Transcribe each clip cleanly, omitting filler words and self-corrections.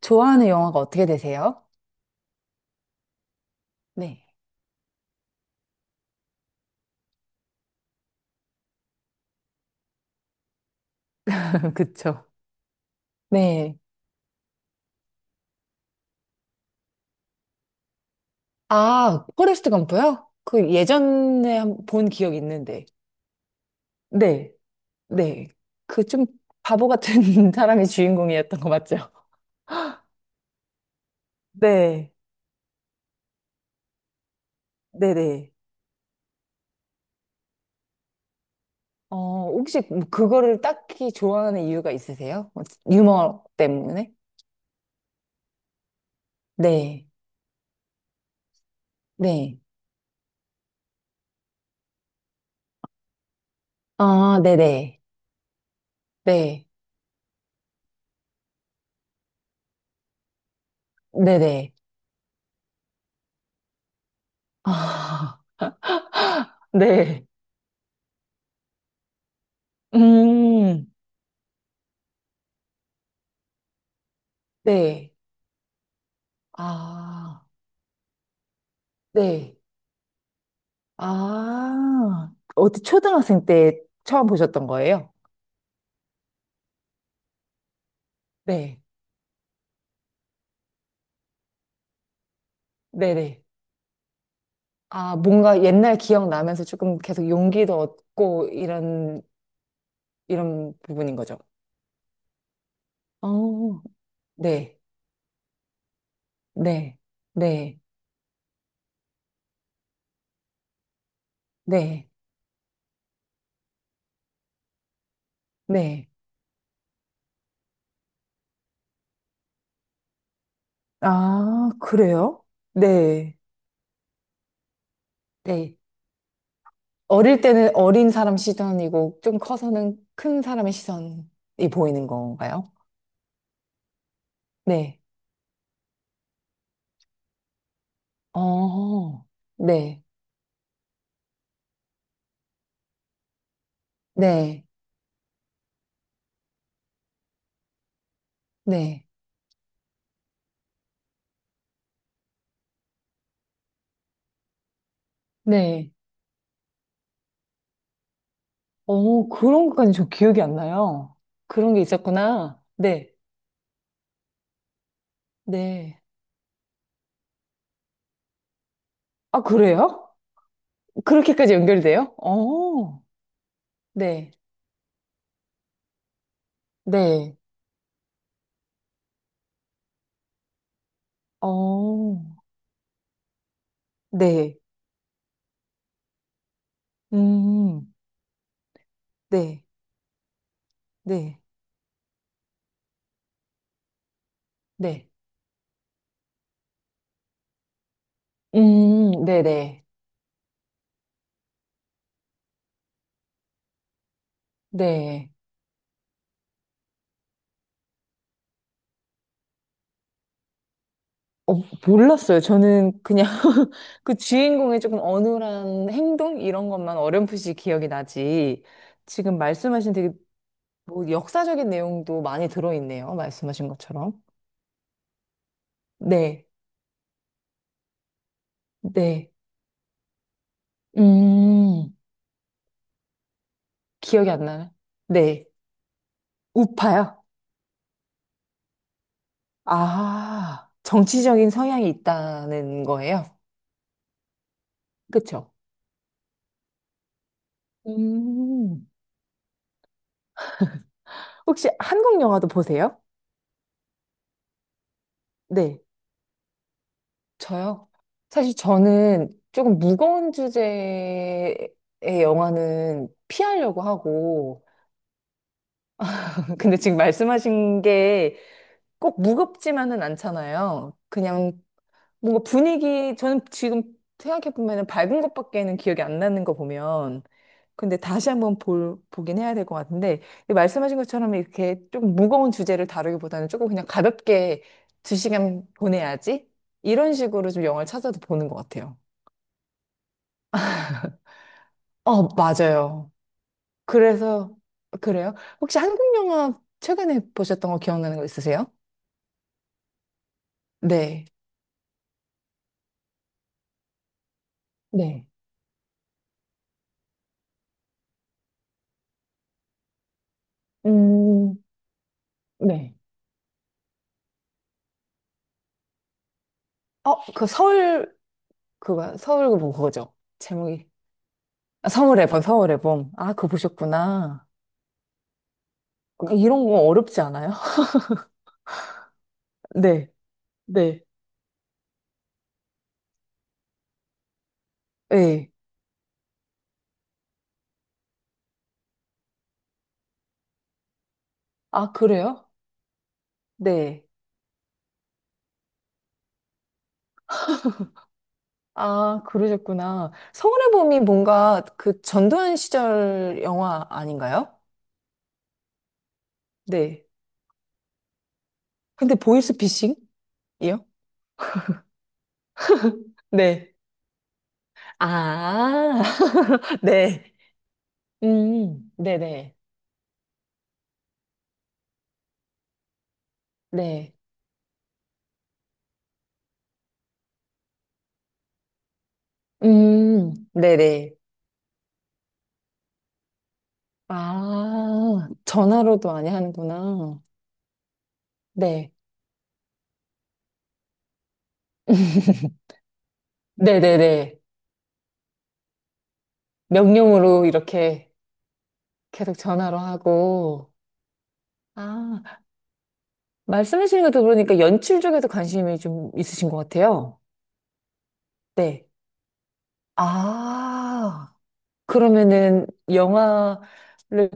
좋아하는 영화가 어떻게 되세요? 네. 그쵸. 네. 아, 포레스트 검프요? 그 예전에 한 본 기억 있는데. 네. 네. 그 좀 바보 같은 사람이 주인공이었던 거 맞죠? 네. 네네. 어, 혹시 뭐 그거를 딱히 좋아하는 이유가 있으세요? 어, 유머 때문에? 네. 네. 아, 네네. 네. 네네. 아, 네. 음, 네. 아. 네. 아, 어디 초등학생 때 처음 보셨던 거예요? 네. 네네. 아, 뭔가 옛날 기억 나면서 조금 계속 용기도 얻고 이런, 이런 부분인 거죠. 어, 네. 네. 네. 네. 네. 아, 그래요? 네. 네. 어릴 때는 어린 사람 시선이고 좀 커서는 큰 사람의 시선이 보이는 건가요? 네. 어, 네. 네. 네. 네. 어, 그런 것까지 저 기억이 안 나요. 그런 게 있었구나. 네. 네. 아, 그래요? 그렇게까지 연결돼요? 어, 네. 네. 어, 네. 음, 네. 네. 네. 네네. 네. 어, 몰랐어요. 저는 그냥 그 주인공의 조금 어눌한 행동? 이런 것만 어렴풋이 기억이 나지. 지금 말씀하신 되게 뭐 역사적인 내용도 많이 들어있네요. 말씀하신 것처럼. 네, 네. 음, 기억이 안 나네. 네. 우파요? 아, 정치적인 성향이 있다는 거예요. 그쵸? 음. 혹시 한국 영화도 보세요? 네. 저요? 사실 저는 조금 무거운 주제의 영화는 피하려고 하고, 근데 지금 말씀하신 게 꼭 무겁지만은 않잖아요. 그냥 뭔가 분위기, 저는 지금 생각해보면 밝은 것밖에는 기억이 안 나는 거 보면. 근데 다시 한번 볼, 보긴 해야 될 것 같은데, 근데 말씀하신 것처럼 이렇게 조금 무거운 주제를 다루기보다는 조금 그냥 가볍게 두 시간 보내야지? 이런 식으로 좀 영화를 찾아서 보는 것 같아요. 어, 맞아요. 그래서, 그래요? 혹시 한국 영화 최근에 보셨던 거 기억나는 거 있으세요? 네. 네. 음, 네. 어, 그 서울, 그거, 서울 뭐 그거죠. 제목이. 아, 서울의 봄 서울의 봄. 아, 그거 보셨구나. 그러니까 이런 거 어렵지 않아요? 네, 네, 네. 아, 그래요? 네. 아, 그러셨구나. 서울의 봄이 뭔가 그 전두환 시절 영화 아닌가요? 네. 근데 보이스 피싱이요? 네. 아, 네. 네네. 네. 네. 네네. 아, 전화로도 많이 하는구나. 네. 네네네. 명령으로 이렇게 계속 전화로 하고. 아, 말씀해주신 것도 그러니까 연출 쪽에도 관심이 좀 있으신 것 같아요. 네. 아, 그러면은 영화를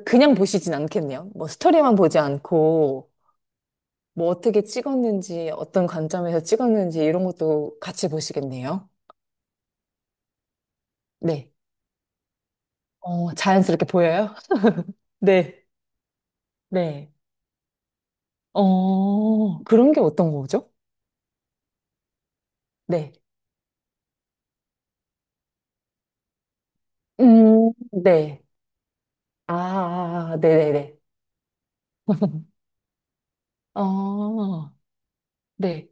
그냥 보시진 않겠네요. 뭐 스토리만 보지 않고, 뭐 어떻게 찍었는지, 어떤 관점에서 찍었는지 이런 것도 같이 보시겠네요. 네. 어, 자연스럽게 보여요? 네. 네. 어, 그런 게 어떤 거죠? 네. 네. 아, 네네네. 아, 네,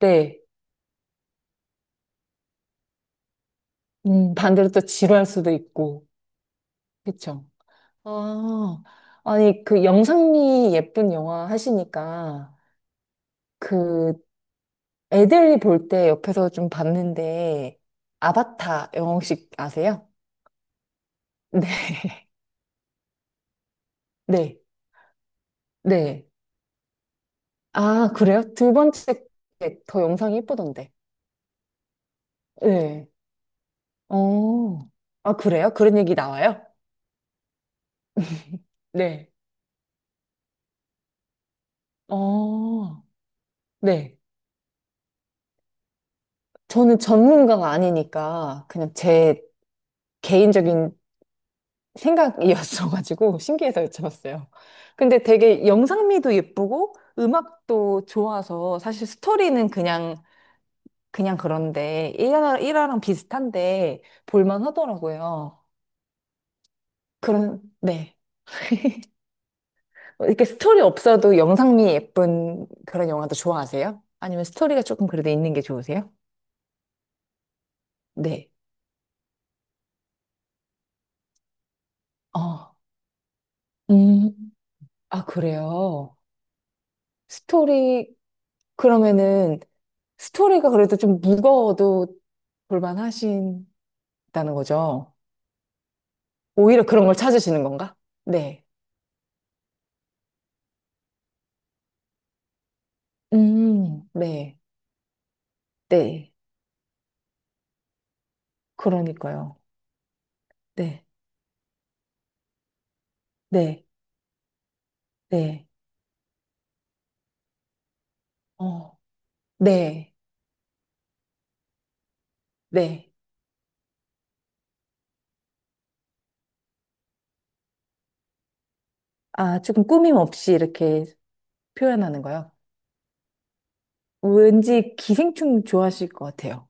네. 반대로 또 지루할 수도 있고. 그쵸. 아, 아니, 그 영상미 예쁜 영화 하시니까, 그 애들이 볼 때 옆에서 좀 봤는데, 아바타 영화 혹시 아세요? 네, 네, 네. 아, 그래요? 두 번째 게더 영상이 예쁘던데. 네. 어, 아, 그래요? 그런 얘기 나와요? 네. 어, 네. 저는 전문가가 아니니까 그냥 제 개인적인 생각이었어가지고 신기해서 여쭤봤어요. 근데 되게 영상미도 예쁘고 음악도 좋아서 사실 스토리는 그냥 그냥 그런데 일화, 일화랑 비슷한데 볼만 하더라고요. 그런 네. 이렇게 스토리 없어도 영상미 예쁜 그런 영화도 좋아하세요? 아니면 스토리가 조금 그래도 있는 게 좋으세요? 네. 어. 음. 아, 그래요. 스토리 그러면은 스토리가 그래도 좀 무거워도 볼만하신다는 거죠. 오히려 그런 걸 찾으시는 건가? 네. 네. 네. 그러니까요. 네. 네. 네. 어. 네. 네. 아, 조금 꾸밈 없이 이렇게 표현하는 거요. 왠지 기생충 좋아하실 것 같아요.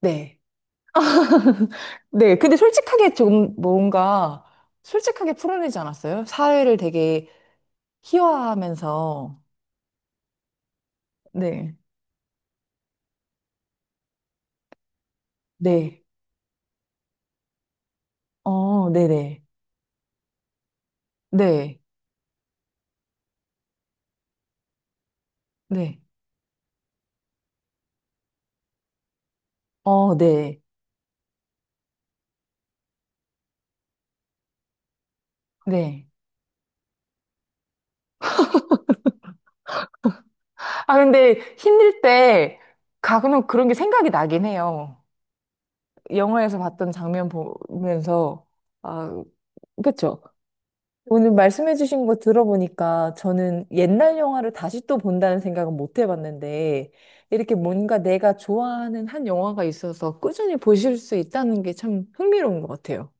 네. 네, 근데 솔직하게 조금 뭔가 솔직하게 풀어내지 않았어요? 사회를 되게 희화화하면서 네, 네, 어, 네네, 네, 네, 어, 네, 네. 아, 근데 힘들 때 가끔 그런 게 생각이 나긴 해요. 영화에서 봤던 장면 보면서, 아, 그쵸. 오늘 말씀해주신 거 들어보니까 저는 옛날 영화를 다시 또 본다는 생각은 못 해봤는데 이렇게 뭔가 내가 좋아하는 한 영화가 있어서 꾸준히 보실 수 있다는 게 참 흥미로운 것 같아요.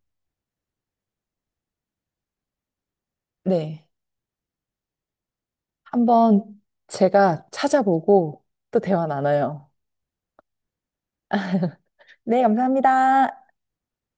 네. 한번 제가 찾아보고 또 대화 나눠요. 네, 감사합니다.